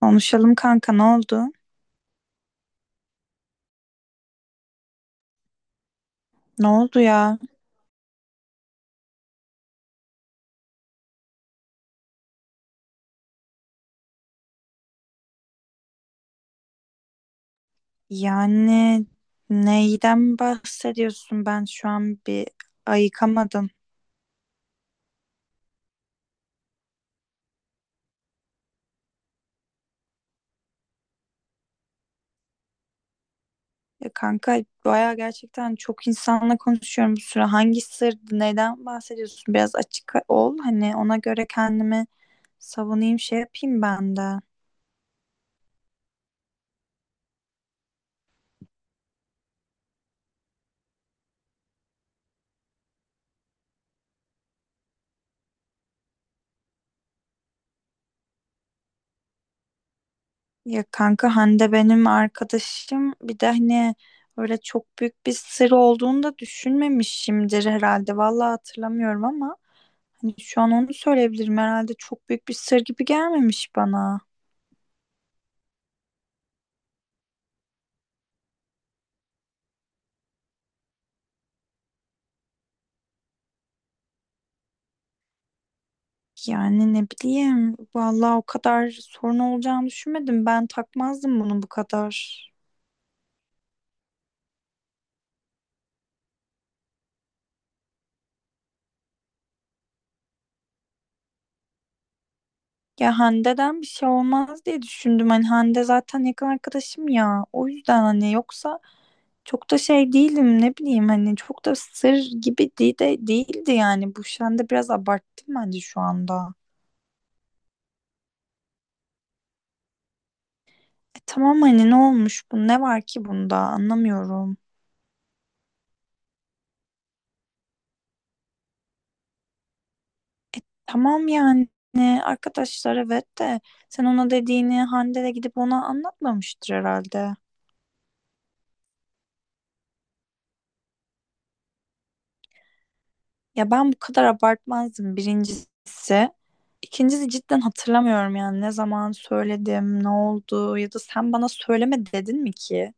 Konuşalım kanka, ne oldu? Ne oldu ya? Yani neyden bahsediyorsun? Ben şu an bir ayıkamadım. Ya kanka baya gerçekten çok insanla konuşuyorum bu süre. Hangi sırdı? Neyden bahsediyorsun? Biraz açık ol. Hani ona göre kendimi savunayım, şey yapayım ben de. Ya kanka, Hande benim arkadaşım. Bir de hani öyle çok büyük bir sır olduğunu da düşünmemişimdir herhalde. Vallahi hatırlamıyorum ama. Hani şu an onu söyleyebilirim. Herhalde çok büyük bir sır gibi gelmemiş bana. Yani ne bileyim. Vallahi o kadar sorun olacağını düşünmedim. Ben takmazdım bunu bu kadar. Ya Hande'den bir şey olmaz diye düşündüm. Hani Hande zaten yakın arkadaşım ya. O yüzden hani yoksa çok da şey değilim, ne bileyim, hani çok da sır gibi de değildi yani. Bu Hande, biraz abarttım bence şu anda. E tamam, hani ne olmuş, bu ne var ki bunda, anlamıyorum. Tamam yani arkadaşlar, evet, de sen ona dediğini Hande de gidip ona anlatmamıştır herhalde. Ya ben bu kadar abartmazdım birincisi. İkincisi cidden hatırlamıyorum yani ne zaman söyledim, ne oldu ya da sen bana söyleme dedin mi ki?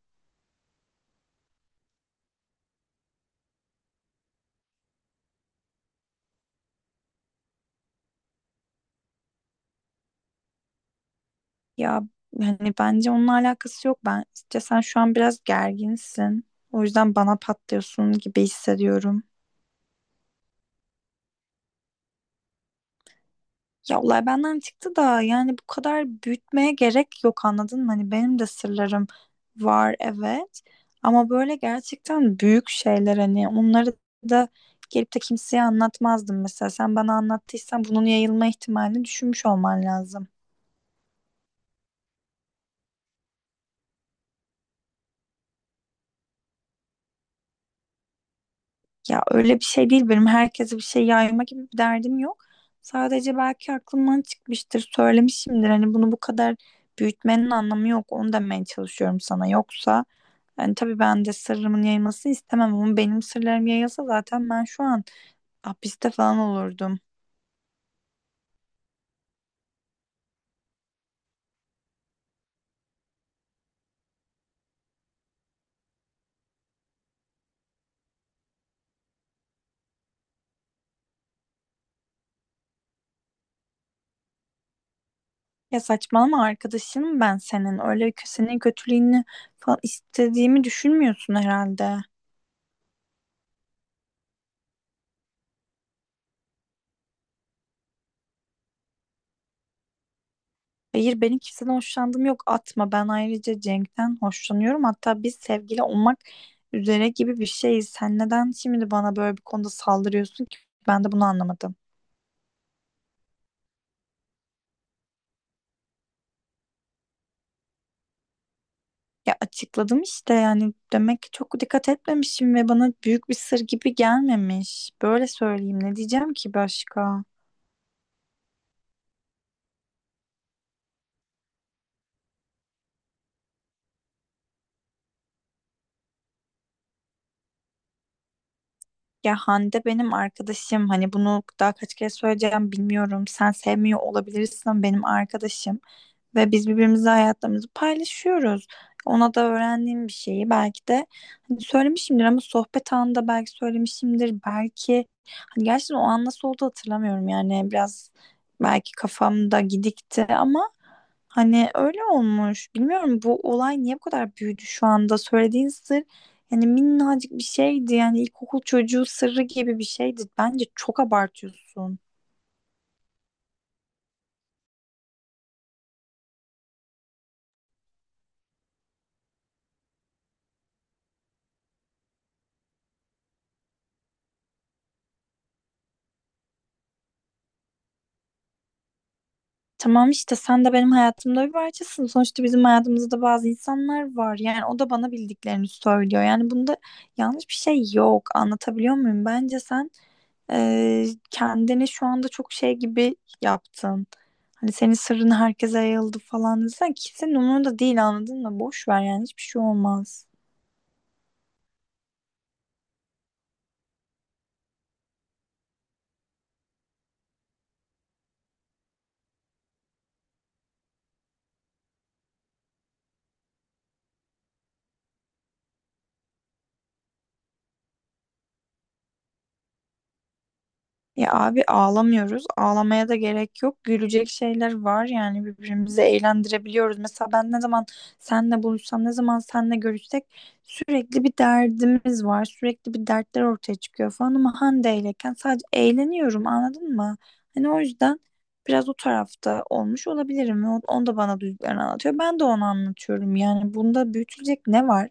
Ya hani bence onunla alakası yok. Bence sen şu an biraz gerginsin. O yüzden bana patlıyorsun gibi hissediyorum. Ya olay benden çıktı da yani bu kadar büyütmeye gerek yok, anladın mı? Hani benim de sırlarım var evet, ama böyle gerçekten büyük şeyler, hani onları da gelip de kimseye anlatmazdım mesela. Sen bana anlattıysan bunun yayılma ihtimalini düşünmüş olman lazım. Ya öyle bir şey değil, benim herkese bir şey yayma gibi bir derdim yok. Sadece belki aklımdan çıkmıştır, söylemişimdir. Hani bunu bu kadar büyütmenin anlamı yok. Onu demeye çalışıyorum sana. Yoksa yani tabii ben de sırrımın yayılmasını istemem, ama benim sırlarım yayılsa zaten ben şu an hapiste falan olurdum. Ya saçmalama arkadaşım, ben senin, öyle senin kötülüğünü falan istediğimi düşünmüyorsun herhalde. Hayır, benim kimseden hoşlandığım yok, atma. Ben ayrıca Cenk'ten hoşlanıyorum, hatta biz sevgili olmak üzere gibi bir şeyiz. Sen neden şimdi bana böyle bir konuda saldırıyorsun ki, ben de bunu anlamadım. Ya açıkladım işte yani, demek ki çok dikkat etmemişim ve bana büyük bir sır gibi gelmemiş, böyle söyleyeyim. Ne diyeceğim ki başka? Ya Hande benim arkadaşım, hani bunu daha kaç kere söyleyeceğim bilmiyorum, sen sevmiyor olabilirsin ama benim arkadaşım. Ve biz birbirimizle hayatlarımızı paylaşıyoruz. Ona da öğrendiğim bir şeyi belki de hani söylemişimdir, ama sohbet anında belki söylemişimdir. Belki hani gerçekten o an nasıl oldu hatırlamıyorum, yani biraz belki kafamda gidikti ama hani öyle olmuş. Bilmiyorum bu olay niye bu kadar büyüdü şu anda. Söylediğin sır yani minnacık bir şeydi, yani ilkokul çocuğu sırrı gibi bir şeydi. Bence çok abartıyorsun. Tamam işte, sen de benim hayatımda bir parçasın. Sonuçta bizim hayatımızda bazı insanlar var. Yani o da bana bildiklerini söylüyor. Yani bunda yanlış bir şey yok. Anlatabiliyor muyum? Bence sen kendini şu anda çok şey gibi yaptın. Hani senin sırrın herkese yayıldı falan desen kimsenin umurunda değil, anladın mı? Boş ver yani, hiçbir şey olmaz. Ya abi, ağlamıyoruz. Ağlamaya da gerek yok. Gülecek şeyler var, yani birbirimizi eğlendirebiliyoruz. Mesela ben ne zaman seninle buluşsam, ne zaman seninle görüşsek sürekli bir derdimiz var. Sürekli bir dertler ortaya çıkıyor falan, ama Hande iyleyken sadece eğleniyorum, anladın mı? Hani o yüzden biraz o tarafta olmuş olabilirim. Onu da bana duyduklarını anlatıyor. Ben de onu anlatıyorum. Yani bunda büyütülecek ne var?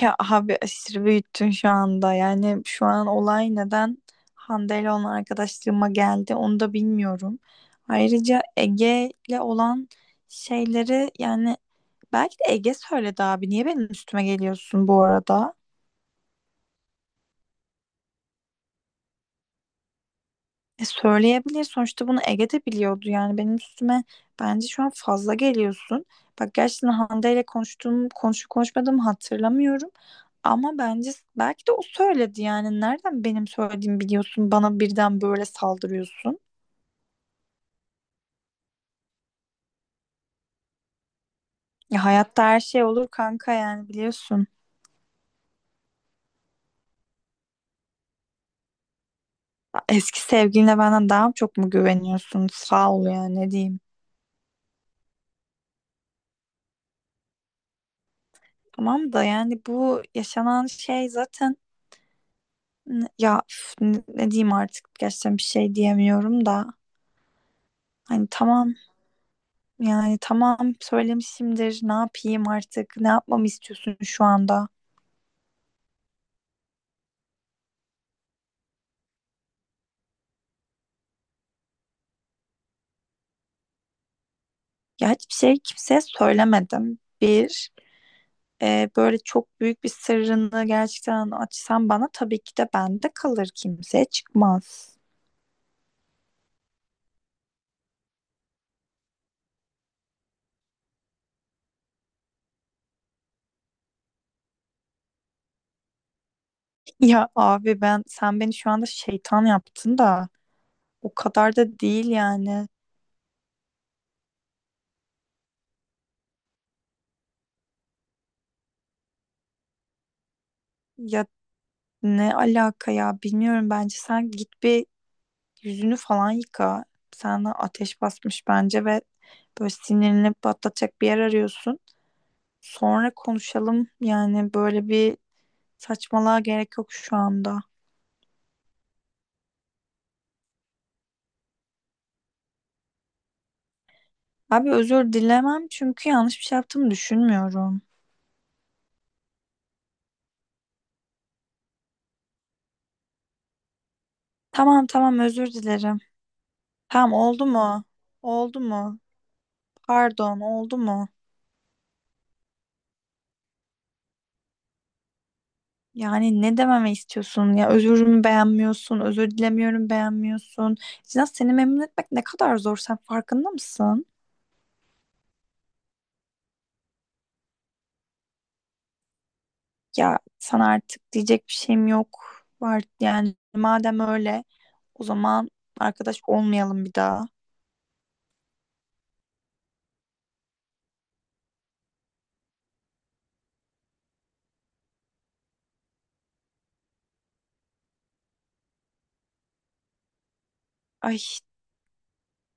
Ya abi, aşırı büyüttün şu anda. Yani şu an olay neden Hande ile olan arkadaşlığıma geldi onu da bilmiyorum. Ayrıca Ege ile olan şeyleri, yani belki de Ege söyledi abi. Niye benim üstüme geliyorsun bu arada? E söyleyebilir. Sonuçta bunu Ege de biliyordu. Yani benim üstüme bence şu an fazla geliyorsun. Bak gerçekten Hande ile konuşup konuşmadığımı hatırlamıyorum. Ama bence belki de o söyledi yani. Nereden benim söylediğimi biliyorsun? Bana birden böyle saldırıyorsun. Ya hayatta her şey olur kanka, yani biliyorsun. Eski sevgiline benden daha çok mu güveniyorsun? Sağ ol ya, ne diyeyim. Tamam da yani bu yaşanan şey zaten, ya üf, ne diyeyim artık, gerçekten bir şey diyemiyorum da. Hani tamam yani, tamam söylemişimdir, ne yapayım artık, ne yapmamı istiyorsun şu anda? Ya hiçbir şey kimseye söylemedim. Böyle çok büyük bir sırrını gerçekten açsan bana tabii ki de bende kalır, kimseye çıkmaz. Ya abi, ben sen beni şu anda şeytan yaptın da o kadar da değil yani. Ya ne alaka ya, bilmiyorum, bence sen git bir yüzünü falan yıka. Sana ateş basmış bence ve böyle sinirini patlatacak bir yer arıyorsun. Sonra konuşalım. Yani böyle bir saçmalığa gerek yok şu anda. Abi özür dilemem çünkü yanlış bir şey yaptığımı düşünmüyorum. Tamam tamam, özür dilerim. Tamam, oldu mu? Oldu mu? Pardon, oldu mu? Yani ne dememi istiyorsun ya, özürümü beğenmiyorsun, özür dilemiyorum beğenmiyorsun. Sinan, seni memnun etmek ne kadar zor, sen farkında mısın? Ya sana artık diyecek bir şeyim yok. Var yani, madem öyle o zaman arkadaş olmayalım bir daha. Ay